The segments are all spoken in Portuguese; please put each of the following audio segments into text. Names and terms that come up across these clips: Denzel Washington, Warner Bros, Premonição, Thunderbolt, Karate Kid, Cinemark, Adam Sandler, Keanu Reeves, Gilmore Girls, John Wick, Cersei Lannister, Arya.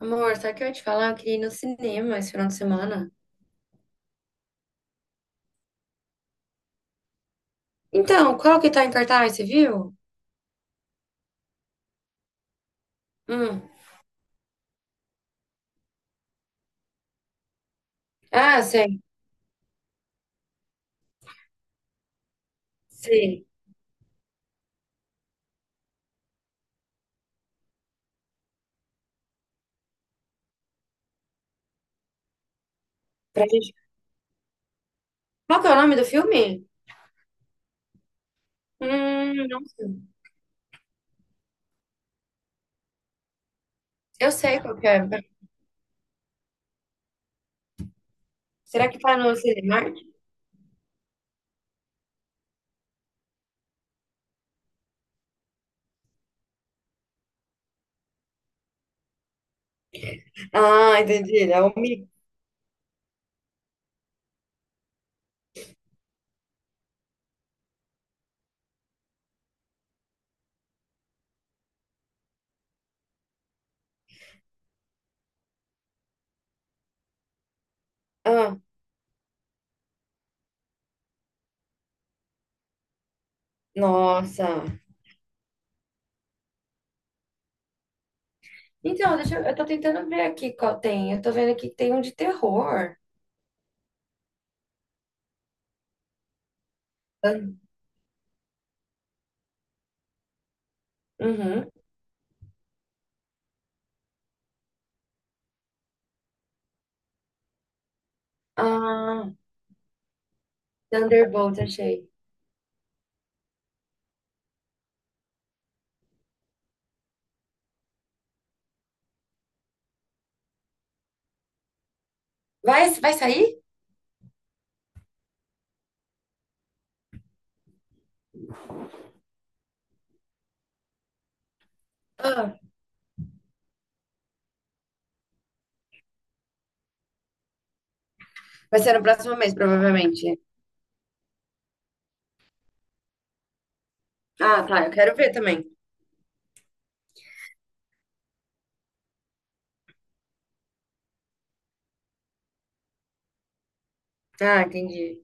Amor, sabe o que eu ia te falar? Eu queria ir no cinema esse final de semana. Então, qual que tá em cartaz, você viu? Hum. Ah, sei, sei. Pra gente... Qual que é o nome do filme? Não sei. Eu sei qual que é. Será que tá no Cinemark? Ah, entendi. É o Mi. Ah, nossa. Então, deixa eu tô tentando ver aqui qual tem. Eu tô vendo aqui que tem um de terror. Ah, uhum. Ah, Thunderbolt, achei. Vai sair? Ah, vai ser no próximo mês, provavelmente. Ah, tá, eu quero ver também. Ah, entendi.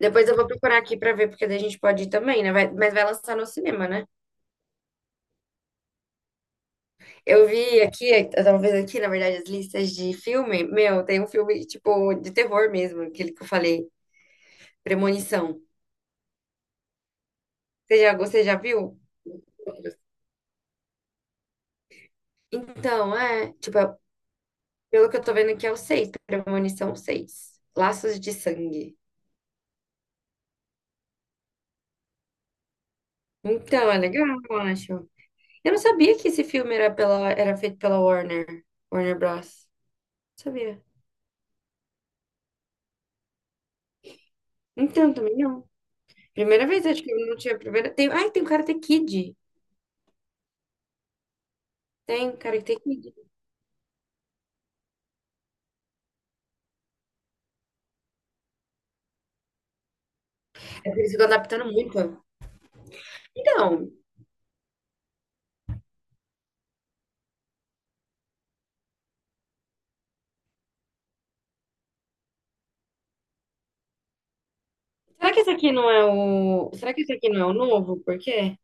Depois eu vou procurar aqui pra ver, porque daí a gente pode ir também, né? Mas vai lançar no cinema, né? Eu vi aqui, eu tava vendo aqui, na verdade, as listas de filme. Meu, tem um filme, tipo, de terror mesmo, aquele que eu falei, Premonição. Você já viu? Então, é, tipo, é- Pelo que eu tô vendo aqui é o 6, Premonição seis. Laços de Sangue. Então, é legal, eu acho. Eu não sabia que esse filme era, pela, era feito pela Warner, Warner Bros. Não sabia. Então, também não. Primeira vez, acho que eu não tinha primeira. Tem... Ai, tem o Karate Kid. Tem Karate Kid. É por isso que eu tô adaptando muito. Então, Será que esse aqui não é o novo? Por quê?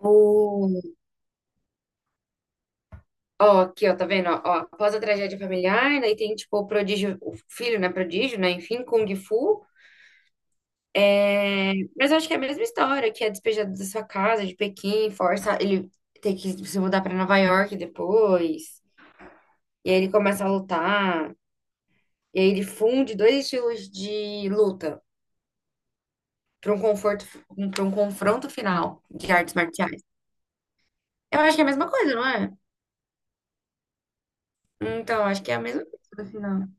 O... Ó, aqui, ó, tá vendo? Ó, ó, após a tragédia familiar, daí tem, tipo, o prodígio, o filho, né, prodígio, né, enfim, Kung Fu. É, mas eu acho que é a mesma história, que é despejado da sua casa, de Pequim, força ele tem que se mudar pra Nova York depois, e aí ele começa a lutar. E aí ele funde dois estilos de luta para um conforto, para um confronto final de artes marciais. Eu acho que é a mesma coisa, não é? Então, acho que é a mesma coisa no final.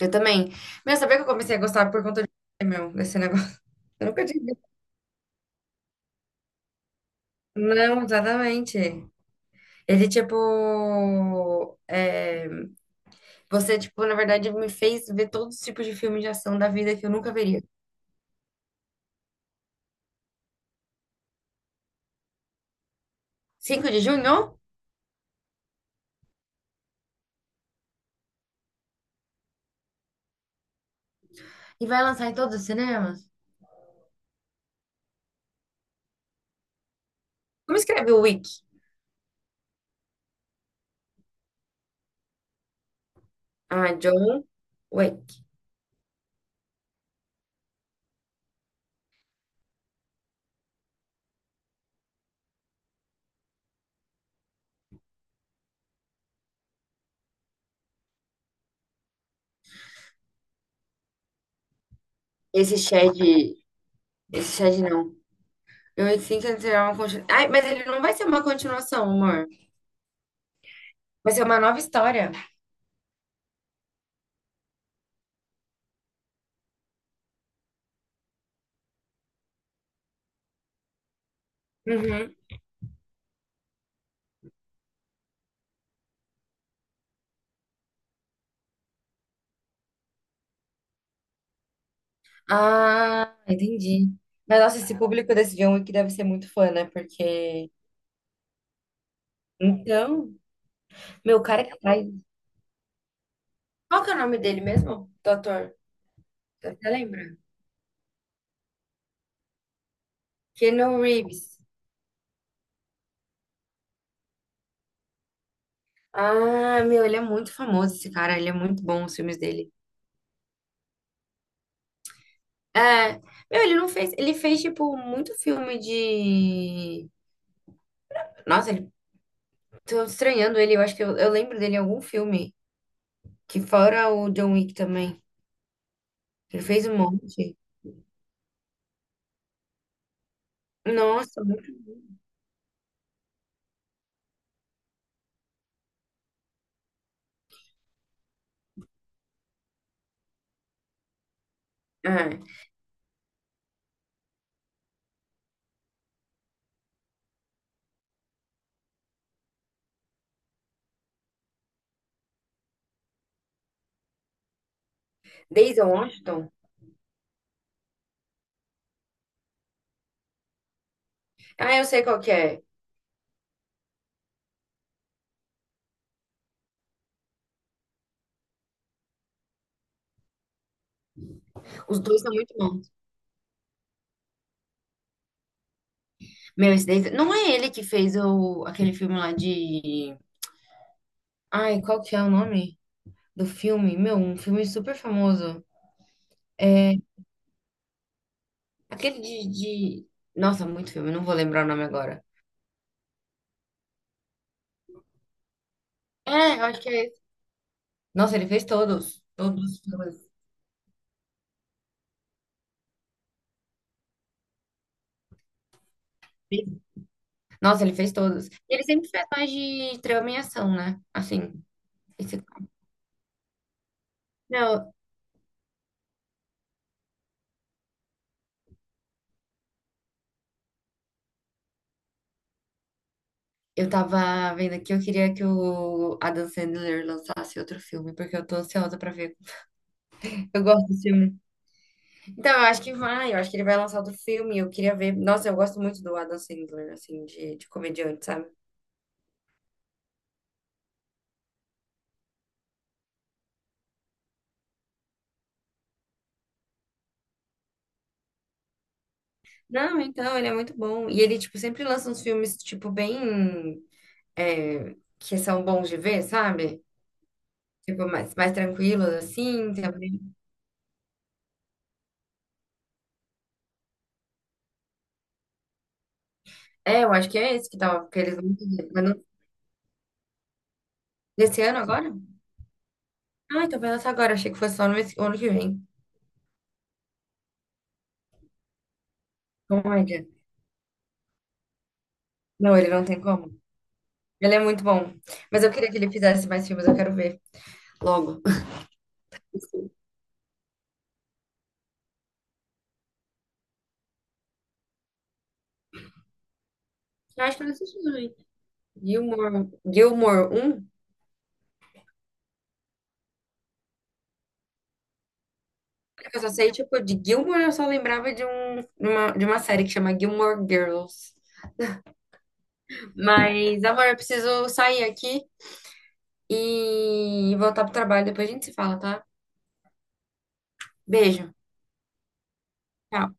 Eu também. Meu, sabia que eu comecei a gostar por conta de meu, desse negócio? Eu nunca tinha visto. Não, exatamente. Ele, tipo. é, Você, tipo, na verdade, me fez ver todos os tipos de filmes de ação da vida que eu nunca veria. 5 de junho? E vai lançar em todos os cinemas? Como escreve o Wick? Ah, John Wick. Esse Shed. Esse Shed não. Eu sinto que será uma continuação. Ai, mas ele não vai ser uma continuação, amor. Vai ser uma nova história. Uhum. Ah, entendi. Mas nossa, esse público desse John Wick deve ser muito fã, né? Porque. Então, meu o cara que faz. Qual que é o nome dele mesmo? Do ator? Você até lembra? Keanu Reeves. Ah, meu, ele é muito famoso, esse cara. Ele é muito bom, os filmes dele. É. Meu, ele não fez. Ele fez, tipo, muito filme de. Nossa, ele Tô estranhando ele, eu acho que eu lembro dele em algum filme. Que fora o John Wick também. Ele fez um monte. Nossa, muito. Ah, Denzel Washington? Ah, eu sei qual que é. Os dois são muito bons. Meu, esse Denzel... Não é ele que fez o... aquele filme lá de... Ai, qual que é o nome do filme? Meu, um filme super famoso. É aquele de... de- nossa, muito filme, não vou lembrar o nome agora. É, eu acho que é esse. Nossa, ele fez todos. Todos os filmes. Nossa, ele fez todos. Ele sempre faz mais de trama e ação, né? Assim. esse- Não, eu tava vendo aqui, eu queria que o Adam Sandler lançasse outro filme, porque eu tô ansiosa pra ver. Eu gosto do filme. Então, eu acho que ele vai lançar outro filme, eu queria ver. Nossa, eu gosto muito do Adam Sandler, assim, de comediante, sabe? Não, então, ele é muito bom. E ele, tipo, sempre lança uns filmes, tipo, bem... é, que são bons de ver, sabe? Tipo, mais tranquilos, assim, também. É, eu acho que é esse que tava, que eles vão fazer. Desse ano agora? Ah, então vai lançar agora. Achei que fosse só no mês- ano que vem. Oh my God. Não, ele não tem como. Ele é muito bom. Mas eu queria que ele fizesse mais filmes, eu quero ver logo. Eu acho que eu não assisti também. Gilmore, Gilmore 1? Eu só sei, tipo, de Gilmore eu só lembrava de, um, de uma série que chama Gilmore Girls. Mas, amor, eu preciso sair aqui e voltar pro trabalho. Depois a gente se fala, tá? Beijo. Tchau.